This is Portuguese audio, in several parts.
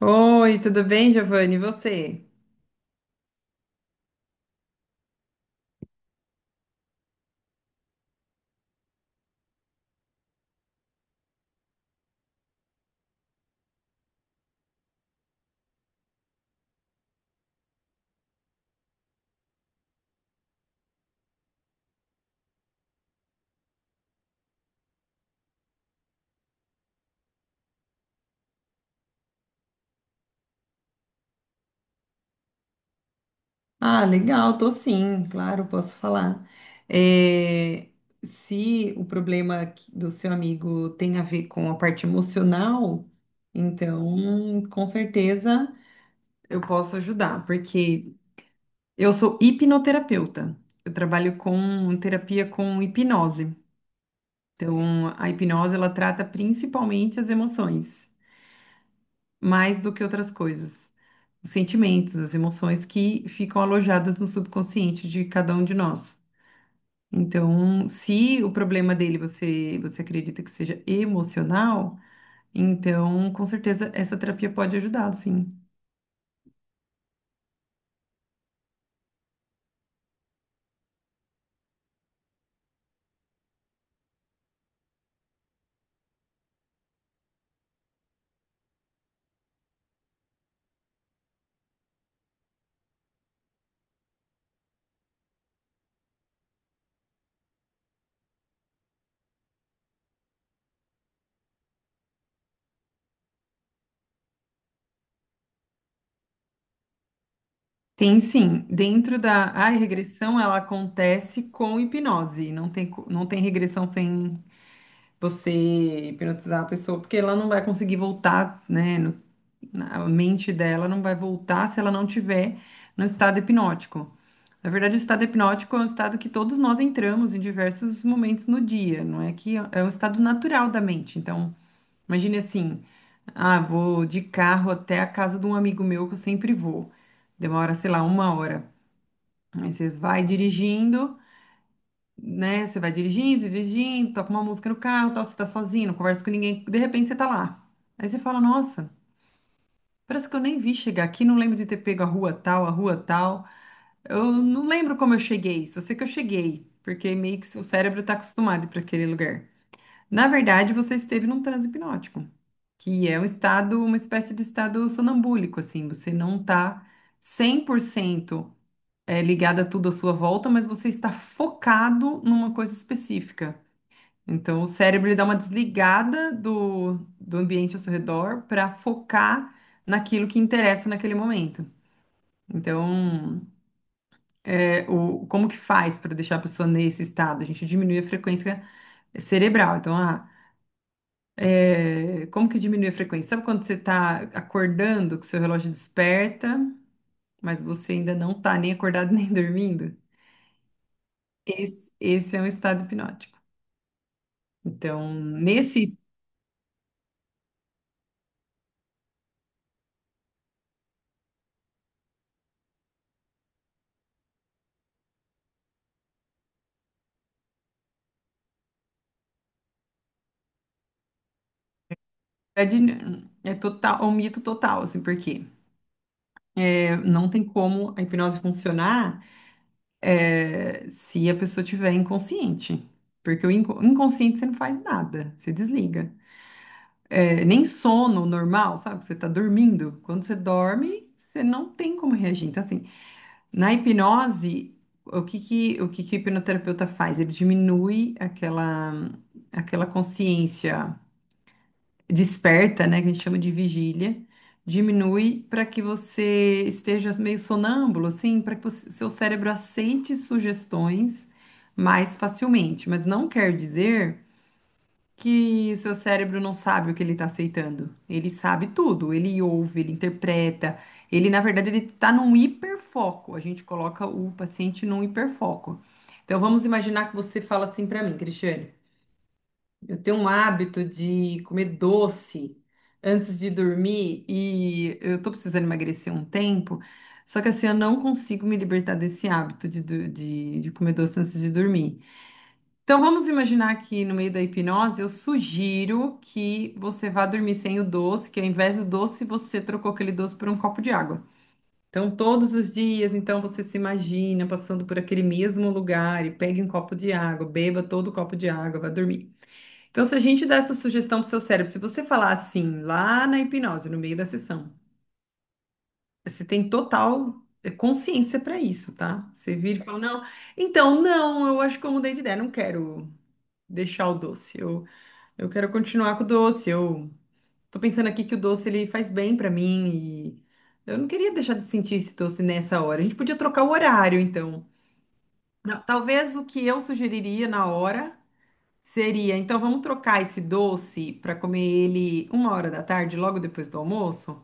Oi, tudo bem, Giovanni? E você? Ah, legal, tô sim, claro, posso falar. É, se o problema do seu amigo tem a ver com a parte emocional, então com certeza eu posso ajudar, porque eu sou hipnoterapeuta. Eu trabalho com terapia com hipnose. Então, a hipnose ela trata principalmente as emoções, mais do que outras coisas. Os sentimentos, as emoções que ficam alojadas no subconsciente de cada um de nós. Então, se o problema dele você acredita que seja emocional, então com certeza essa terapia pode ajudá-lo, sim. Tem sim, dentro da a regressão ela acontece com hipnose, não tem, não tem regressão sem você hipnotizar a pessoa, porque ela não vai conseguir voltar, né? A mente dela não vai voltar se ela não tiver no estado hipnótico. Na verdade, o estado hipnótico é um estado que todos nós entramos em diversos momentos no dia, não é que é um estado natural da mente. Então, imagine assim: ah, vou de carro até a casa de um amigo meu que eu sempre vou. Demora, sei lá, uma hora. Aí você vai dirigindo, né? Você vai dirigindo, dirigindo, toca uma música no carro, tal, você tá sozinho, não conversa com ninguém, de repente você tá lá. Aí você fala, nossa. Parece que eu nem vi chegar aqui, não lembro de ter pego a rua tal, a rua tal. Eu não lembro como eu cheguei, só sei que eu cheguei, porque meio que o cérebro está acostumado para aquele lugar. Na verdade, você esteve num transe hipnótico, que é um estado, uma espécie de estado sonambúlico, assim, você não está 100% ligado a tudo à sua volta, mas você está focado numa coisa específica. Então, o cérebro ele dá uma desligada do ambiente ao seu redor para focar naquilo que interessa naquele momento. Então, como que faz para deixar a pessoa nesse estado? A gente diminui a frequência cerebral. Então, como que diminui a frequência? Sabe quando você está acordando, que seu relógio desperta, mas você ainda não está nem acordado nem dormindo? Esse é um estado hipnótico. Então, é, de- é total, é um mito total, assim, porque não tem como a hipnose funcionar, se a pessoa tiver inconsciente, porque o inconsciente você não faz nada, você desliga. Nem sono normal, sabe? Você tá dormindo. Quando você dorme, você não tem como reagir. Então, assim, na hipnose, o que que o hipnoterapeuta faz? Ele diminui aquela consciência desperta, né, que a gente chama de vigília, diminui para que você esteja meio sonâmbulo, assim, para que seu cérebro aceite sugestões mais facilmente. Mas não quer dizer que o seu cérebro não sabe o que ele está aceitando. Ele sabe tudo, ele ouve, ele interpreta. Ele, na verdade, ele está num hiperfoco. A gente coloca o paciente num hiperfoco. Então, vamos imaginar que você fala assim para mim, Cristiane. Eu tenho um hábito de comer doce antes de dormir e eu tô precisando emagrecer um tempo, só que assim eu não consigo me libertar desse hábito de comer doce antes de dormir. Então vamos imaginar que no meio da hipnose eu sugiro que você vá dormir sem o doce, que ao invés do doce você trocou aquele doce por um copo de água. Então todos os dias, então você se imagina passando por aquele mesmo lugar e pegue um copo de água, beba todo o copo de água, vá dormir. Então, se a gente dá essa sugestão pro seu cérebro, se você falar assim, lá na hipnose, no meio da sessão, você tem total consciência para isso, tá? Você vira e fala, não, então, não, eu acho que eu mudei de ideia, não quero deixar o doce, eu quero continuar com o doce, eu tô pensando aqui que o doce, ele faz bem para mim e eu não queria deixar de sentir esse doce nessa hora. A gente podia trocar o horário, então. Não, talvez o que eu sugeriria na hora seria: então vamos trocar esse doce para comer ele uma hora da tarde, logo depois do almoço.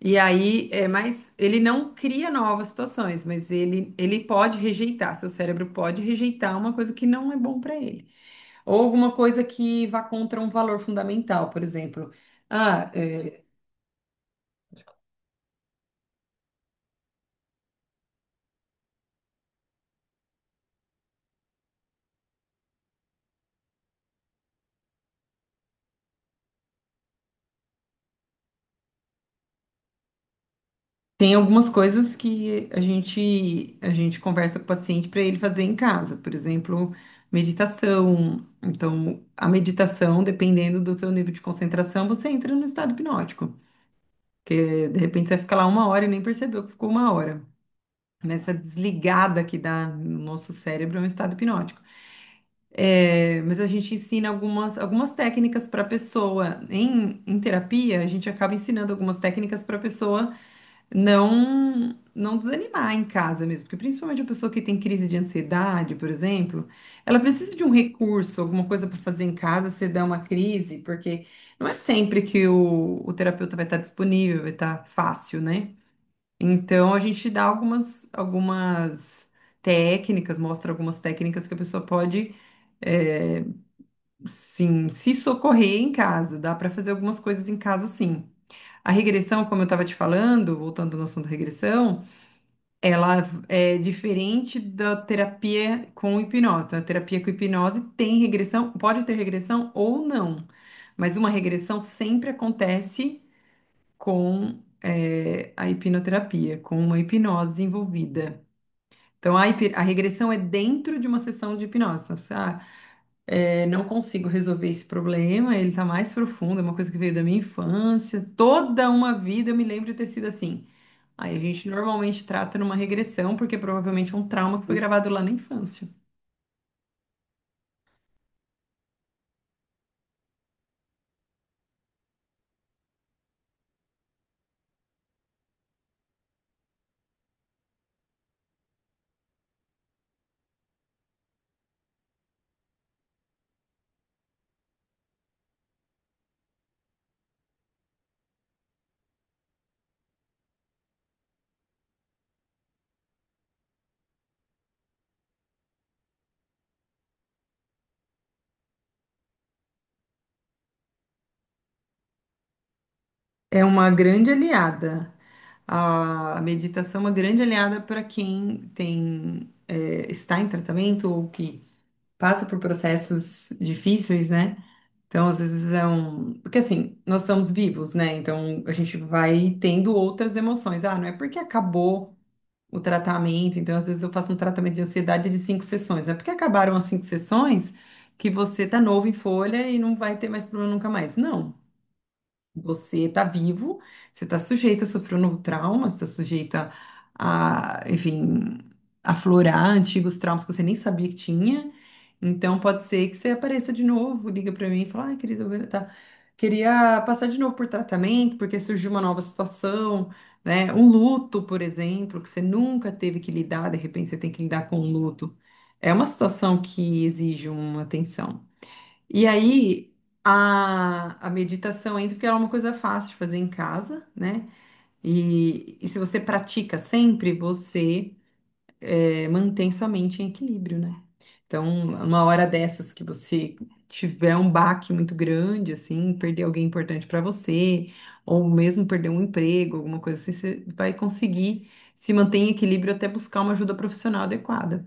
E aí, é, mas ele não cria novas situações, mas ele pode rejeitar, seu cérebro pode rejeitar uma coisa que não é bom para ele. Ou alguma coisa que vá contra um valor fundamental, por exemplo. Ah, é, Tem algumas coisas que a gente conversa com o paciente para ele fazer em casa, por exemplo, meditação. Então, a meditação, dependendo do seu nível de concentração, você entra no estado hipnótico, que de repente você fica lá uma hora e nem percebeu que ficou uma hora. Nessa desligada que dá no nosso cérebro é um estado hipnótico. É, mas a gente ensina algumas técnicas para a pessoa. Em terapia, a gente acaba ensinando algumas técnicas para a pessoa não desanimar em casa mesmo, porque principalmente a pessoa que tem crise de ansiedade, por exemplo, ela precisa de um recurso, alguma coisa para fazer em casa se der uma crise, porque não é sempre que o terapeuta vai estar disponível, vai estar fácil, né? Então a gente dá algumas técnicas, mostra algumas técnicas que a pessoa pode é, sim, se socorrer em casa, dá para fazer algumas coisas em casa, sim. A regressão, como eu estava te falando, voltando ao assunto da regressão, ela é diferente da terapia com hipnose. A terapia com hipnose tem regressão, pode ter regressão ou não, mas uma regressão sempre acontece com a hipnoterapia, com uma hipnose envolvida. Então, a regressão é dentro de uma sessão de hipnose. Então, você, não consigo resolver esse problema, ele está mais profundo, é uma coisa que veio da minha infância. Toda uma vida eu me lembro de ter sido assim. Aí a gente normalmente trata numa regressão, porque provavelmente é um trauma que foi gravado lá na infância. É uma grande aliada. A meditação é uma grande aliada para quem está em tratamento ou que passa por processos difíceis, né? Então, às vezes é um. Porque assim, nós estamos vivos, né? Então a gente vai tendo outras emoções. Ah, não é porque acabou o tratamento. Então, às vezes eu faço um tratamento de ansiedade de cinco sessões. Não é porque acabaram as cinco sessões que você tá novo em folha e não vai ter mais problema nunca mais. Não. Você está vivo, você está sujeito a sofrer um novo trauma, você está sujeito enfim, aflorar antigos traumas que você nem sabia que tinha. Então, pode ser que você apareça de novo, liga para mim e fala, ai, querida, queria passar de novo por tratamento, porque surgiu uma nova situação, né? Um luto, por exemplo, que você nunca teve que lidar, de repente você tem que lidar com um luto. É uma situação que exige uma atenção. E aí a meditação entra porque ela é uma coisa fácil de fazer em casa, né? E se você pratica sempre, você mantém sua mente em equilíbrio, né? Então, uma hora dessas que você tiver um baque muito grande, assim, perder alguém importante para você, ou mesmo perder um emprego, alguma coisa assim, você vai conseguir se manter em equilíbrio até buscar uma ajuda profissional adequada.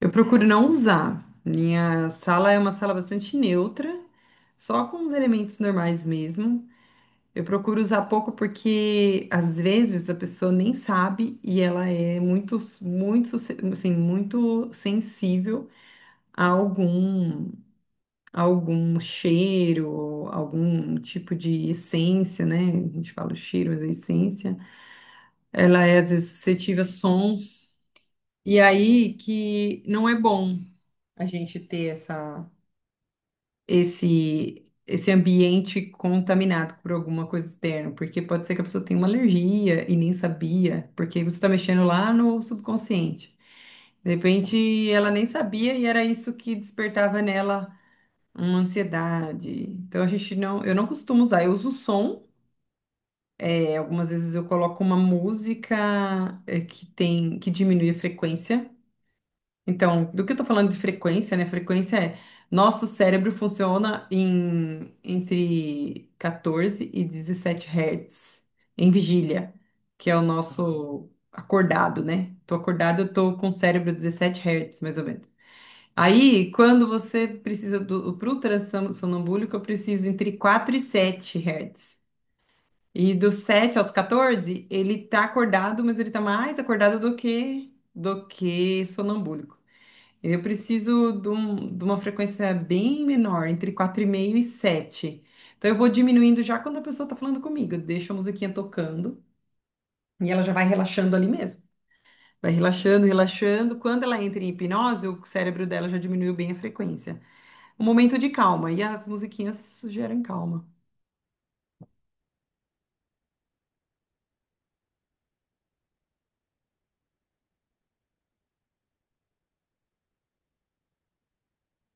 Eu procuro não usar. Minha sala é uma sala bastante neutra, só com os elementos normais mesmo. Eu procuro usar pouco porque às vezes a pessoa nem sabe e ela é assim, muito sensível a a algum cheiro, algum tipo de essência, né? A gente fala o cheiro, mas é essência. Ela é às vezes suscetível a sons e aí que não é bom a gente ter essa esse esse ambiente contaminado por alguma coisa externa, porque pode ser que a pessoa tenha uma alergia e nem sabia, porque você está mexendo lá no subconsciente. De repente, ela nem sabia e era isso que despertava nela uma ansiedade. Então a gente não, eu não costumo usar, eu uso o som. Algumas vezes eu coloco uma música que tem que diminui a frequência. Então, do que eu tô falando de frequência, né? Frequência é nosso cérebro funciona em entre 14 e 17 hertz em vigília, que é o nosso acordado, né? Tô acordado, eu tô com o cérebro 17 hertz, mais ou menos. Aí, quando você precisa do sonambúlico, eu preciso entre 4 e 7 hertz. E dos 7 aos 14, ele tá acordado, mas ele tá mais acordado do que sonambúlico. Eu preciso de uma frequência bem menor, entre 4,5 e 7. Então eu vou diminuindo já quando a pessoa está falando comigo. Eu deixo a musiquinha tocando e ela já vai relaxando ali mesmo. Vai relaxando, relaxando. Quando ela entra em hipnose, o cérebro dela já diminuiu bem a frequência. Um momento de calma. E as musiquinhas geram calma.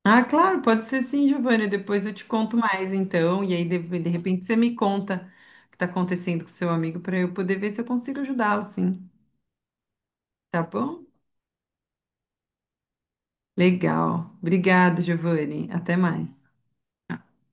Ah, claro, pode ser sim, Giovana. Depois eu te conto mais, então. E aí, de repente, você me conta o que está acontecendo com seu amigo para eu poder ver se eu consigo ajudá-lo, sim. Tá bom? Legal. Obrigado, Giovanni. Até mais.